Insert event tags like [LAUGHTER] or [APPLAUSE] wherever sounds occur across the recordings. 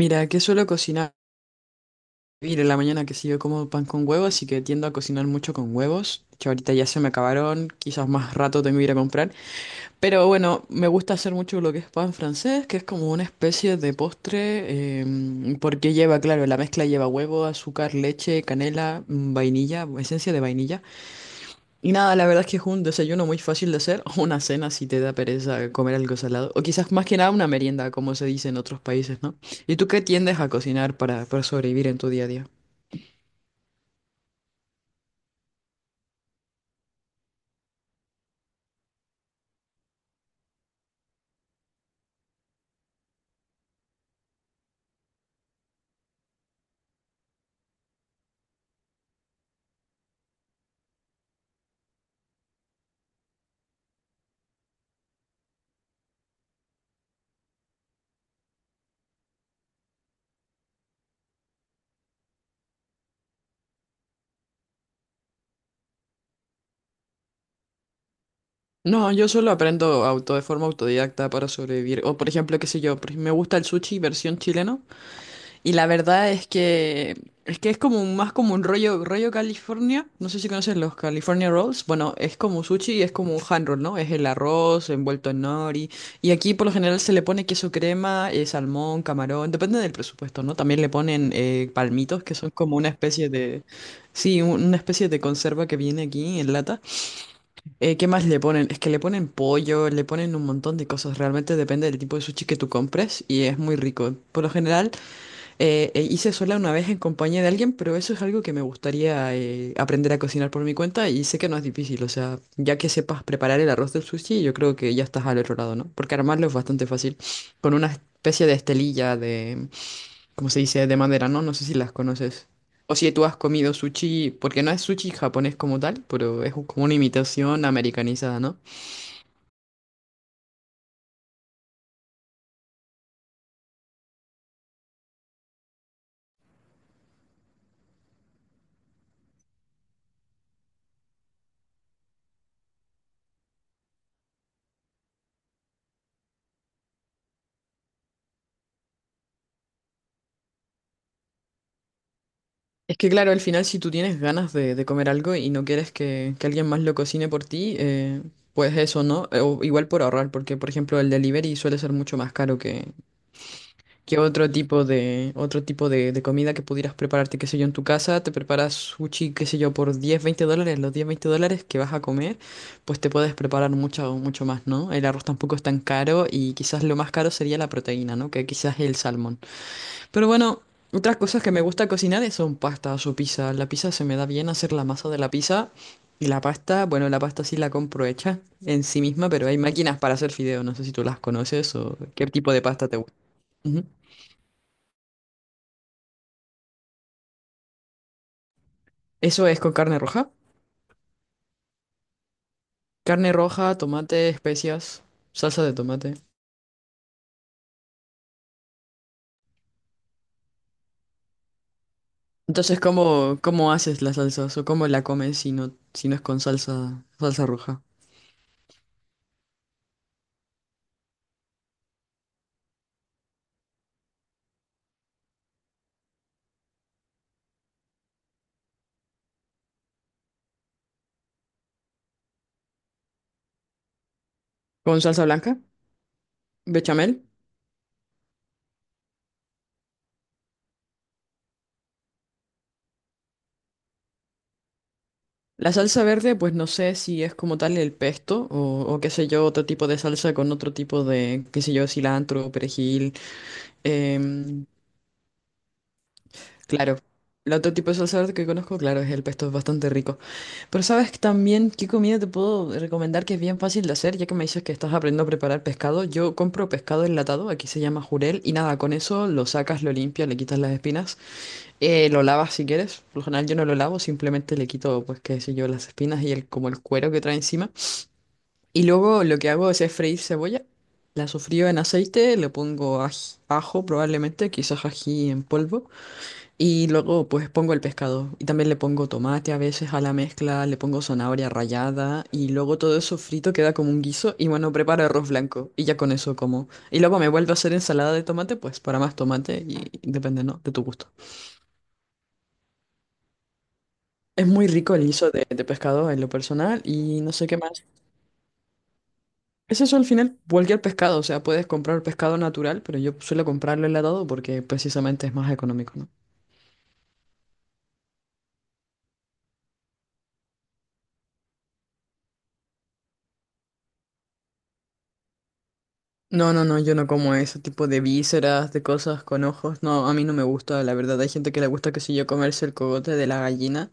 Mira, que suelo cocinar en la mañana que sí yo como pan con huevo, así que tiendo a cocinar mucho con huevos. Que ahorita ya se me acabaron, quizás más rato tengo que ir a comprar. Pero bueno, me gusta hacer mucho lo que es pan francés, que es como una especie de postre, porque lleva, claro, la mezcla lleva huevo, azúcar, leche, canela, vainilla, esencia de vainilla. Y nada, la verdad es que es un desayuno muy fácil de hacer, [LAUGHS] o una cena si te da pereza comer algo salado, o quizás más que nada una merienda, como se dice en otros países, ¿no? ¿Y tú qué tiendes a cocinar para sobrevivir en tu día a día? No, yo solo aprendo auto de forma autodidacta para sobrevivir, o por ejemplo, qué sé yo, me gusta el sushi versión chileno. Y la verdad es que es como más como un rollo, rollo California. No sé si conoces los California Rolls. Bueno, es como sushi y es como un hand roll, ¿no? Es el arroz envuelto en nori. Y aquí por lo general se le pone queso crema, salmón, camarón. Depende del presupuesto, ¿no? También le ponen palmitos, que son como una especie de... Sí, una especie de conserva que viene aquí en lata. ¿Qué más le ponen? Es que le ponen pollo, le ponen un montón de cosas. Realmente depende del tipo de sushi que tú compres y es muy rico. Por lo general... hice sola una vez en compañía de alguien, pero eso es algo que me gustaría aprender a cocinar por mi cuenta y sé que no es difícil, o sea, ya que sepas preparar el arroz del sushi, yo creo que ya estás al otro lado, ¿no? Porque armarlo es bastante fácil, con una especie de estelilla de, ¿cómo se dice?, de madera, ¿no? No sé si las conoces. O si tú has comido sushi, porque no es sushi japonés como tal, pero es como una imitación americanizada, ¿no? Es que claro, al final si tú tienes ganas de comer algo y no quieres que alguien más lo cocine por ti, pues eso, ¿no? O igual por ahorrar, porque por ejemplo el delivery suele ser mucho más caro que otro tipo de, otro tipo de comida que pudieras prepararte, qué sé yo, en tu casa, te preparas sushi, qué sé yo, por 10 20 dólares, los 10 20 dólares que vas a comer, pues te puedes preparar mucho, mucho más, ¿no? El arroz tampoco es tan caro y quizás lo más caro sería la proteína, ¿no? Que quizás el salmón. Pero bueno, otras cosas que me gusta cocinar son pastas o pizza. La pizza se me da bien hacer la masa de la pizza. Y la pasta, bueno, la pasta sí la compro hecha en sí misma, pero hay máquinas para hacer fideo. No sé si tú las conoces o qué tipo de pasta te gusta. Ujú. Eso es con carne roja. Carne roja, tomate, especias, salsa de tomate. Entonces, ¿cómo, cómo haces la salsa o cómo la comes si no, si no es con salsa, salsa roja? ¿Con salsa blanca? ¿Bechamel? La salsa verde, pues no sé si es como tal el pesto o qué sé yo, otro tipo de salsa con otro tipo de, qué sé yo, cilantro, perejil. em, claro, el otro tipo de salsa verde que conozco, claro, es el pesto, es bastante rico. Pero sabes que también qué comida te puedo recomendar que es bien fácil de hacer, ya que me dices que estás aprendiendo a preparar pescado. Yo compro pescado enlatado, aquí se llama jurel, y nada, con eso lo sacas, lo limpias, le quitas las espinas, lo lavas si quieres. Por lo general yo no lo lavo, simplemente le quito, pues qué sé yo, las espinas y el, como el cuero que trae encima. Y luego lo que hago es freír cebolla. La sofrío en aceite, le pongo ajo probablemente, quizás ají en polvo. Y luego pues pongo el pescado. Y también le pongo tomate a veces a la mezcla, le pongo zanahoria rallada. Y luego todo eso frito queda como un guiso. Y bueno, preparo arroz blanco. Y ya con eso como. Y luego me vuelvo a hacer ensalada de tomate, pues para más tomate. Y depende, ¿no? De tu gusto. Es muy rico el guiso de pescado en lo personal. Y no sé qué más. Es eso al final, cualquier pescado, o sea, puedes comprar pescado natural, pero yo suelo comprarlo enlatado porque precisamente es más económico, ¿no? No, no, no, yo no como ese tipo de vísceras, de cosas con ojos, no, a mí no me gusta, la verdad, hay gente que le gusta, que sé yo, comerse el cogote de la gallina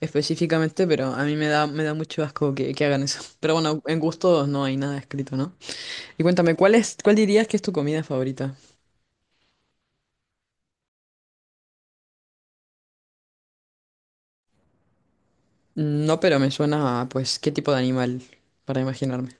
específicamente, pero a mí me da mucho asco que hagan eso. [LAUGHS] Pero bueno, en gustos no hay nada escrito, ¿no? Y cuéntame, ¿cuál es, cuál dirías que es tu comida favorita? No, pero me suena a, pues, qué tipo de animal, para imaginarme.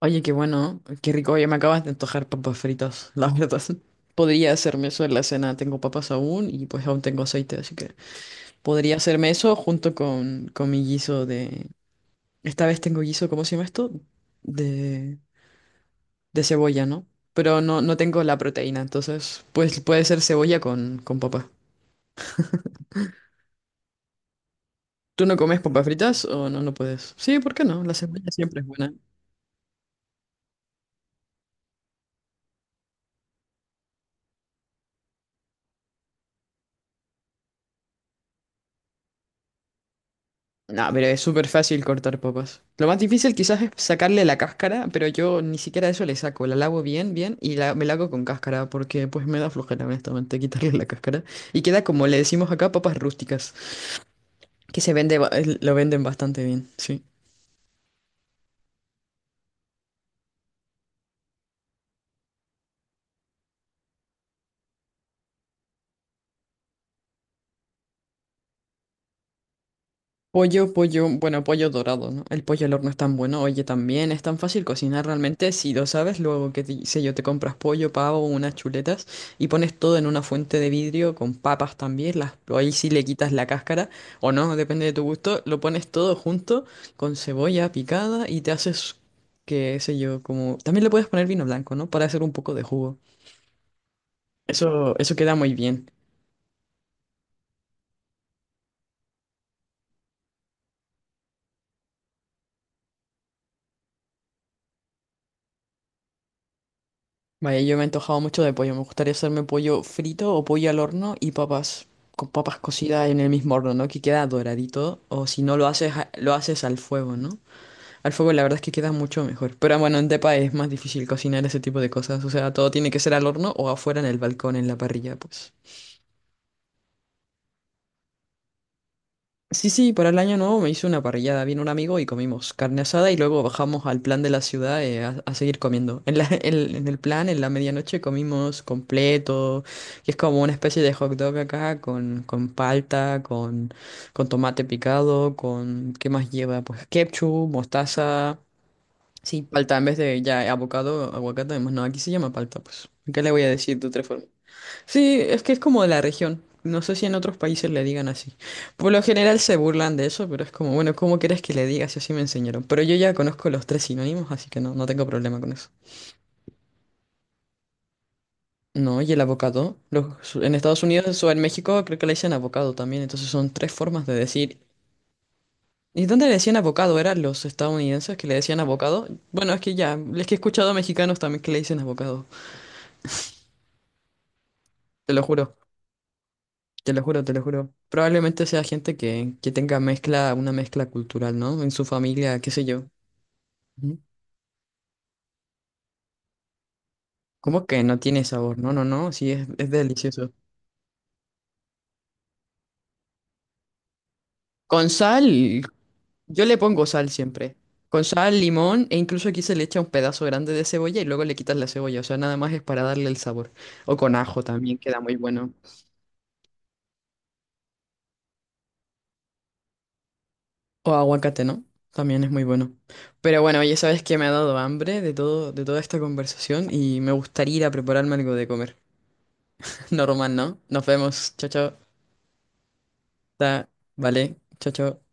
Oye, qué bueno, qué rico. Ya me acabas de antojar papas fritas, la verdad. [LAUGHS] Podría hacerme eso en la cena. Tengo papas aún y pues aún tengo aceite, así que podría hacerme eso junto con mi guiso de... Esta vez tengo guiso, ¿cómo se llama esto? De, de cebolla, ¿no? Pero no, no tengo la proteína, entonces pues puede ser cebolla con papa. ¿Tú no comes papas fritas o no, no puedes? Sí, ¿por qué no? La cebolla siempre es buena. No, pero es súper fácil cortar papas. Lo más difícil quizás es sacarle la cáscara, pero yo ni siquiera eso le saco. La lavo bien, bien y la, me la hago con cáscara porque pues me da flojera honestamente quitarle la cáscara. Y queda como le decimos acá, papas rústicas, que se vende, lo venden bastante bien, sí. Pollo, pollo, bueno, pollo dorado, ¿no? El pollo al horno es tan bueno. Oye, también es tan fácil cocinar realmente. Si lo sabes, luego que te, sé yo, te compras pollo, pavo, unas chuletas y pones todo en una fuente de vidrio con papas también. Las, ahí sí le quitas la cáscara o no, depende de tu gusto. Lo pones todo junto con cebolla picada y te haces, qué sé yo, como... También le puedes poner vino blanco, ¿no? Para hacer un poco de jugo. Eso queda muy bien. Vaya, yo me he antojado mucho de pollo. Me gustaría hacerme pollo frito o pollo al horno y papas, con papas cocidas en el mismo horno, ¿no? Que queda doradito. O si no lo haces, lo haces al fuego, ¿no? Al fuego la verdad es que queda mucho mejor. Pero bueno, en Tepa es más difícil cocinar ese tipo de cosas. O sea, todo tiene que ser al horno o afuera en el balcón, en la parrilla, pues. Sí, sí, para el año nuevo me hice una parrillada. Vino un amigo y comimos carne asada y luego bajamos al plan de la ciudad a seguir comiendo. [LAUGHS] En el plan, en la medianoche comimos completo, que es como una especie de hot dog acá con palta, con tomate picado, con... ¿Qué más lleva? Pues ketchup, mostaza. Sí, palta en vez de ya abocado, aguacate. No, aquí se llama palta, pues. ¿Qué le voy a decir de otra forma? Sí, es que es como de la región. No sé si en otros países le digan así. Por lo general se burlan de eso, pero es como, bueno, ¿cómo quieres que le diga si así me enseñaron? Pero yo ya conozco los tres sinónimos, así que no, no tengo problema con eso. No, y el avocado. Los, en Estados Unidos o en México creo que le dicen avocado también, entonces son tres formas de decir. ¿Y dónde le decían avocado? ¿Eran los estadounidenses que le decían avocado? Bueno, es que ya, es que he escuchado a mexicanos también que le dicen avocado, te lo juro. Te lo juro, te lo juro. Probablemente sea gente que tenga mezcla, una mezcla cultural, ¿no? En su familia, qué sé yo. Ujú. ¿Cómo que no tiene sabor? No, no, no, sí, es delicioso. Con sal, yo le pongo sal siempre. Con sal, limón, e incluso aquí se le echa un pedazo grande de cebolla y luego le quitas la cebolla. O sea, nada más es para darle el sabor. O con ajo también queda muy bueno. O aguacate, ¿no? También es muy bueno. Pero bueno, ya sabes que me ha dado hambre de todo, de toda esta conversación y me gustaría ir a prepararme algo de comer. Normal, ¿no? Nos vemos. Chao, chao. Ta, vale. Chao, chao.